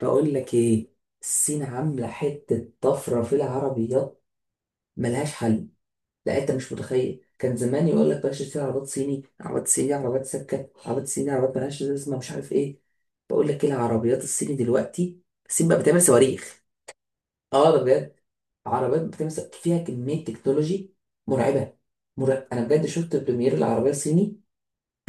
بقول لك ايه. الصين عامله حته طفره في العربيات ملهاش حل. لا، انت مش متخيل، كان زمان يقول لك بلاش تشتري عربيات صيني، عربيات صيني، عربيات سكه، عربيات صيني، عربيات ملهاش لازمه، مش عارف ايه. بقول لك ايه العربيات الصيني دلوقتي. الصين بقى بتعمل صواريخ، اه ده بجد. عربيات بتعمل فيها كميه تكنولوجي مرعبه. مرعب. انا بجد شفت بريمير العربيه الصيني.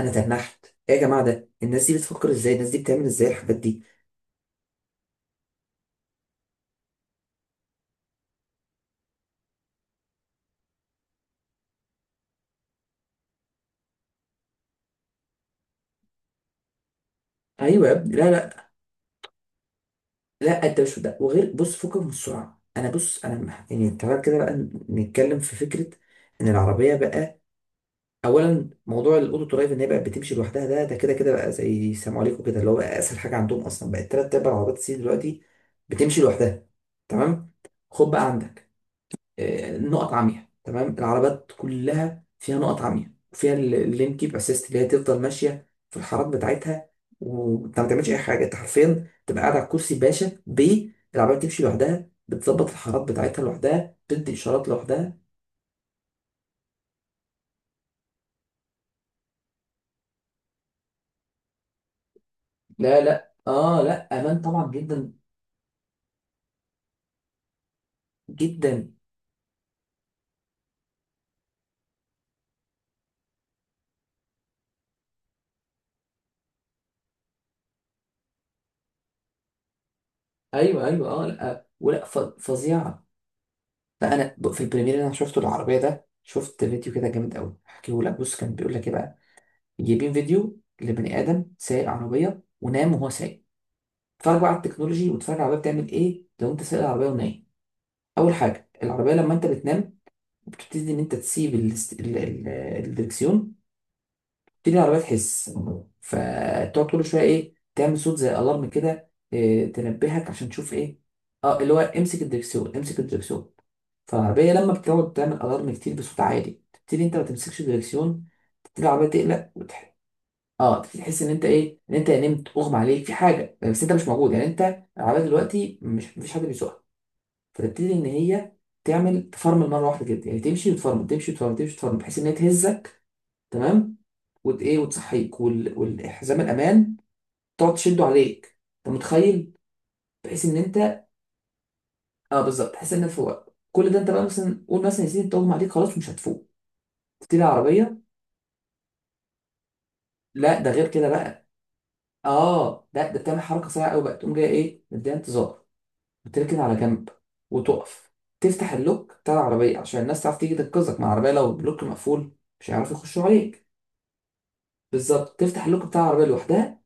انا تنحت ايه يا جماعه؟ ده الناس دي بتفكر ازاي؟ الناس دي بتعمل ازاي الحاجات دي؟ ايوه يا ابني. لا لا، لا انت مش ده. وغير بص، فكك من السرعه. انا بص، انا يعني تعالى كده بقى نتكلم في فكره. ان العربيه بقى، اولا موضوع الاوتو درايف ان هي بقى بتمشي لوحدها. ده كده كده بقى زي سلام عليكم كده، اللي هو بقى اسهل حاجه عندهم، اصلا بقت تلات ارباع عربيات الصين دلوقتي بتمشي لوحدها. تمام. خد بقى عندك، نقط عمياء. تمام، العربيات كلها فيها نقط عمياء، وفيها اللين كيب اسيست اللي هي تفضل ماشيه في الحارات بتاعتها، وانت ما تعملش اي حاجه. انت حرفيا تبقى قاعد على الكرسي باشا. ب العربيه بتمشي لوحدها، بتظبط الحارات بتاعتها لوحدها، بتدي اشارات لوحدها. لا لا، اه لا، امان طبعا جدا جدا. ايوه ايوه، اه لا، ولا فظيعه. فانا في البريمير اللي انا شفته العربيه ده، شفت فيديو كده جامد قوي هحكيه لك. بص، كان بيقول لك ايه بقى، جايبين فيديو لبني ادم سايق عربيه ونام وهو سايق. اتفرج بقى على التكنولوجي واتفرج على العربيه بتعمل ايه لو انت سايق العربيه ونايم. اول حاجه، العربيه لما انت بتنام، بتبتدي ان انت تسيب ال- ال- الدركسيون. تبتدي العربيه تحس، فتقعد كل شويه ايه، تعمل صوت زي الارم كده، إيه، تنبهك عشان تشوف ايه. اه، اللي هو امسك الدركسيون، امسك الدركسيون. فالعربيه لما بتقعد تعمل الارم كتير بصوت عالي، تبتدي انت ما تمسكش الدركسيون. تبتدي العربيه تقلق اه، انت تحس ان انت ايه، ان انت نمت، اغمى عليك في حاجه، بس انت مش موجود يعني. انت العربيه دلوقتي مش مفيش حد بيسوقها. فتبتدي ان هي تعمل تفرمل مره واحده كده يعني، تمشي وتفرمل، تمشي وتفرمل، تمشي وتفرمل، بحيث ان هي تهزك. تمام. وت ايه، وتصحيك، والحزام الامان تقعد تشده عليك. انت متخيل؟ بحيث ان انت، اه بالظبط، تحس ان انت فوق كل ده. انت بقى مثلا قول مثلا يا سيدي تغمى عليك خلاص مش هتفوق، تبتدي العربيه. لا ده غير كده بقى، اه لا، ده بتعمل حركه سريعه قوي بقى. تقوم جايه ايه، مديها انتظار، بتركن على جنب وتقف. تفتح اللوك بتاع العربية عشان الناس تعرف تيجي تنقذك مع العربية، لو اللوك مقفول مش هيعرفوا يخشوا عليك. بالظبط، تفتح اللوك بتاع العربية لوحدها،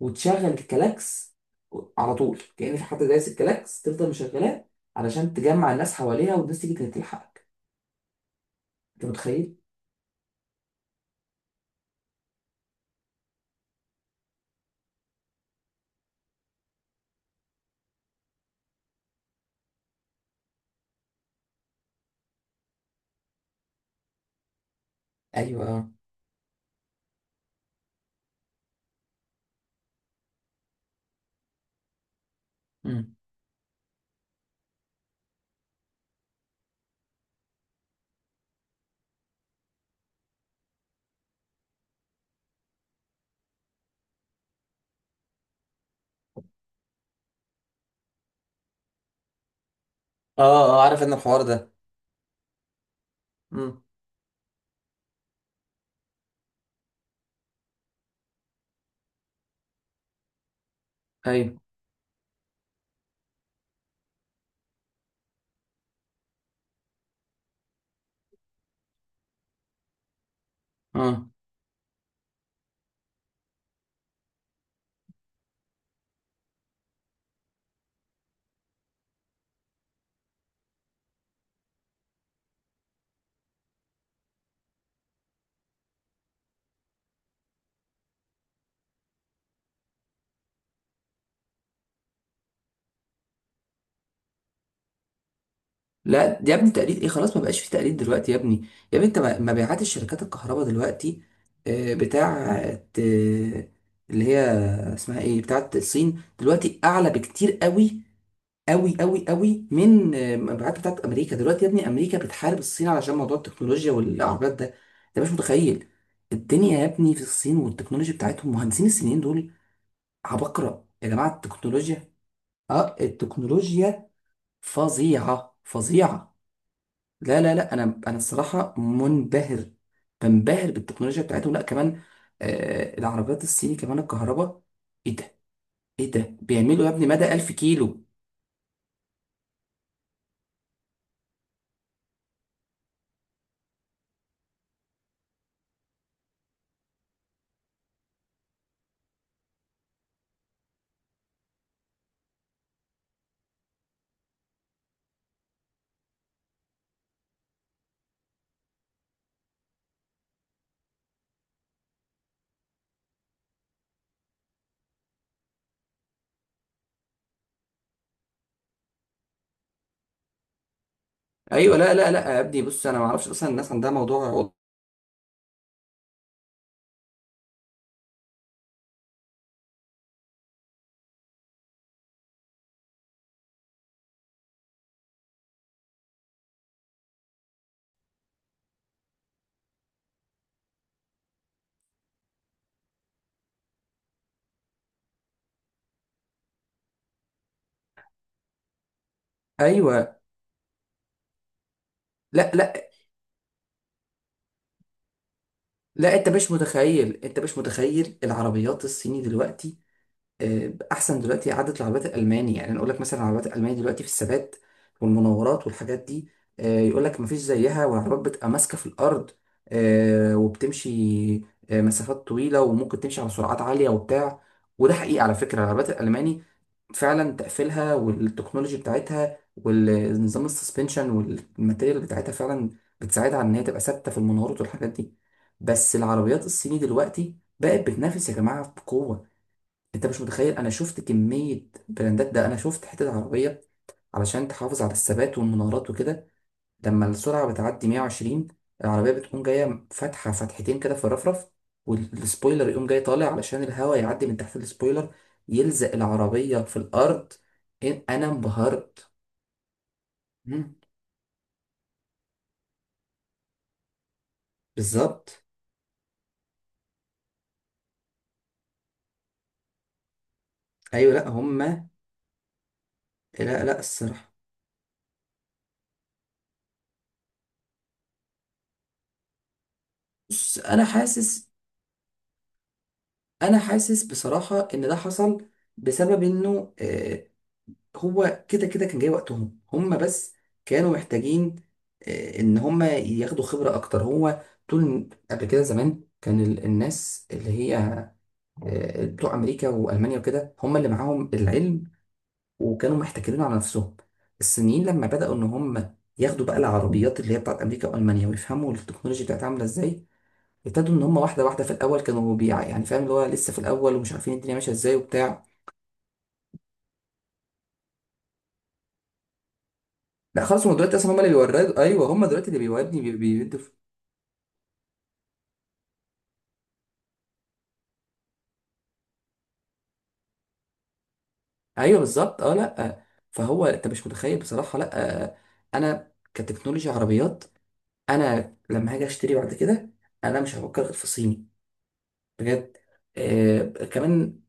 وتشغل الكلاكس على طول كأن في حد دايس الكلاكس، تفضل مشغلاه علشان تجمع الناس حواليها والناس تيجي تلحقك. انت متخيل؟ ايوه. مم. اه. اه، عارف ان الحوار ده. مم. ايوه. اه لا يا ابني، تقليد ايه، خلاص ما بقاش في تقليد دلوقتي يا ابني. يا ابني، انت مبيعات الشركات الكهرباء دلوقتي، بتاعت، اللي هي اسمها ايه، بتاعت الصين دلوقتي، اعلى بكتير قوي قوي قوي قوي من مبيعات بتاعت امريكا دلوقتي يا ابني. امريكا بتحارب الصين علشان موضوع التكنولوجيا والعربيات ده. انت مش متخيل الدنيا يا ابني في الصين والتكنولوجيا بتاعتهم. مهندسين الصينيين دول عباقرة يا جماعة. التكنولوجيا، اه التكنولوجيا، فظيعة فظيعة. لا لا لا، انا الصراحه منبهر. بنبهر بالتكنولوجيا بتاعتهم. لا، كمان العربيات الصيني كمان الكهرباء، ايه ده، ايه ده بيعملوا يا ابني، مدى 1000 كيلو. ايوه. لا لا لا يا ابني بص، انا ما اعرفش اصلا الناس عندها موضوع. ايوه. لا لا لا انت مش متخيل، انت مش متخيل العربيات الصيني دلوقتي احسن دلوقتي عدد العربيات الالماني. يعني انا اقول لك مثلا العربيات الالماني دلوقتي في الثبات والمناورات والحاجات دي، يقول لك مفيش زيها. والعربيات بتبقى ماسكه في الارض، وبتمشي مسافات طويله وممكن تمشي على سرعات عاليه وبتاع. وده حقيقي على فكره، العربيات الالماني فعلا تقفيلها والتكنولوجي بتاعتها والنظام السسبنشن والماتيريال بتاعتها فعلا بتساعدها على ان هي تبقى ثابته في المناورات والحاجات دي. بس العربيات الصيني دلوقتي بقت بتنافس يا جماعه بقوه. انت مش متخيل، انا شفت كمية براندات. ده انا شفت حتة عربية، علشان تحافظ على الثبات والمنارات وكده، لما السرعة بتعدي 120، العربية بتقوم جاية فاتحة فتحتين كده في الرفرف، والسبويلر يقوم جاي طالع علشان الهواء يعدي من تحت السبويلر يلزق العربية في الأرض. أنا انبهرت. مم. بالظبط. أيوة، لأ هما. لا لا، الصراحة بص، أنا حاسس، أنا حاسس بصراحة إن ده حصل بسبب إنه هو كده كده كان جاي وقتهم هم، بس كانوا محتاجين ان هم ياخدوا خبرة اكتر. هو طول قبل كده زمان كان الناس اللي هي بتوع امريكا والمانيا وكده هم اللي معاهم العلم، وكانوا محتكرين على نفسهم. الصينيين لما بدأوا ان هم ياخدوا بقى العربيات اللي هي بتاعت امريكا والمانيا ويفهموا التكنولوجيا بتاعتها عامله ازاي، ابتدوا ان هم واحده واحده. في الاول كانوا بيع يعني، فاهم، اللي هو لسه في الاول ومش عارفين الدنيا ماشيه ازاي وبتاع. لا، خلاص هم دلوقتي اصلا هم اللي بيوردوا. ايوه، هم دلوقتي اللي بيوردني بيدوا. ايوه بالظبط. اه لا، فهو انت مش متخيل بصراحه. لا، انا كتكنولوجيا عربيات، انا لما هاجي اشتري بعد كده، انا مش هفكر غير في الصيني. بجد. كمان.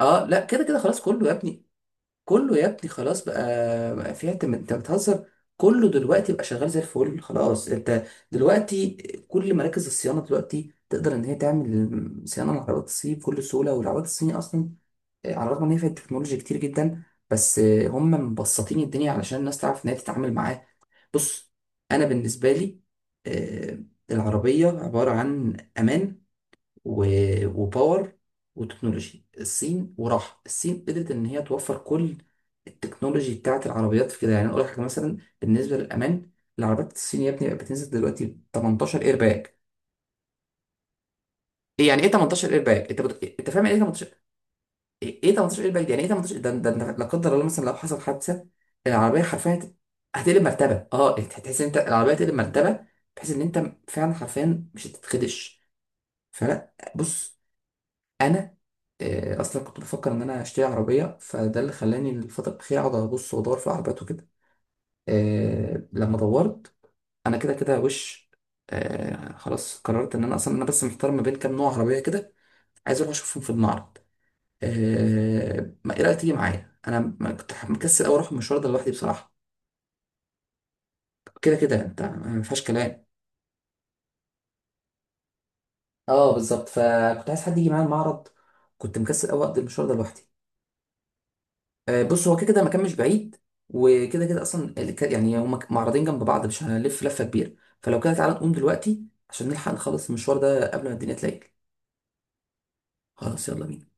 اه لا، كده كده خلاص كله يا ابني. كله يا ابني، خلاص بقى. بقى في، انت بتهزر. كله دلوقتي بقى شغال زي الفل خلاص. انت دلوقتي كل مراكز الصيانه دلوقتي تقدر ان هي تعمل صيانه للعربيات الصيني بكل سهوله. والعربيات الصيني اصلا، على الرغم ان هي فيها تكنولوجيا كتير جدا، بس هم مبسطين الدنيا علشان الناس تعرف ان هي تتعامل معاه. بص، انا بالنسبه لي، آه، العربيه عباره عن امان وباور وتكنولوجي. الصين وراحه الصين قدرت ان هي توفر كل التكنولوجي بتاعت العربيات في كده يعني. أنا اقول لك حاجه مثلا بالنسبه للامان، العربيات الصينيه يا ابني بقت بتنزل دلوقتي 18 ايرباك. يعني ايه 18 ايرباك؟ انت انت فاهم يعني ايه؟ ايه، إيه 18 ايرباك يعني ايه؟ 18 ده، لا قدر الله مثلا لو حصل حادثه، العربيه حرفيا هتقلب مرتبه. اه، هتحس ان انت العربيه هتقلب مرتبه، بحيث ان انت فعلا حرفيا مش هتتخدش. فلا بص، انا اصلا كنت بفكر ان انا اشتري عربيه، فده اللي خلاني الفتره الاخيره اقعد ابص وادور في عربيات وكده. لما دورت، انا كده كده وش، خلاص قررت ان انا اصلا، انا بس محتار ما بين كام نوع عربيه كده، عايز اروح اشوفهم في المعرض. ما ايه رايك تيجي معايا؟ انا ما كنت مكسل أوي اروح المشوار ده لوحدي بصراحه. كده كده انت ما فيهاش كلام. اه بالظبط، فكنت عايز حد يجي معايا المعرض. كنت مكسل أوي اقضي المشوار ده لوحدي. بص، هو كده كده المكان مش بعيد، وكده كده اصلا يعني هما معرضين جنب بعض مش هنلف لفه كبيره. فلو كده تعالى نقوم دلوقتي عشان نلحق نخلص المشوار ده قبل ما الدنيا تليل. خلاص يلا بينا.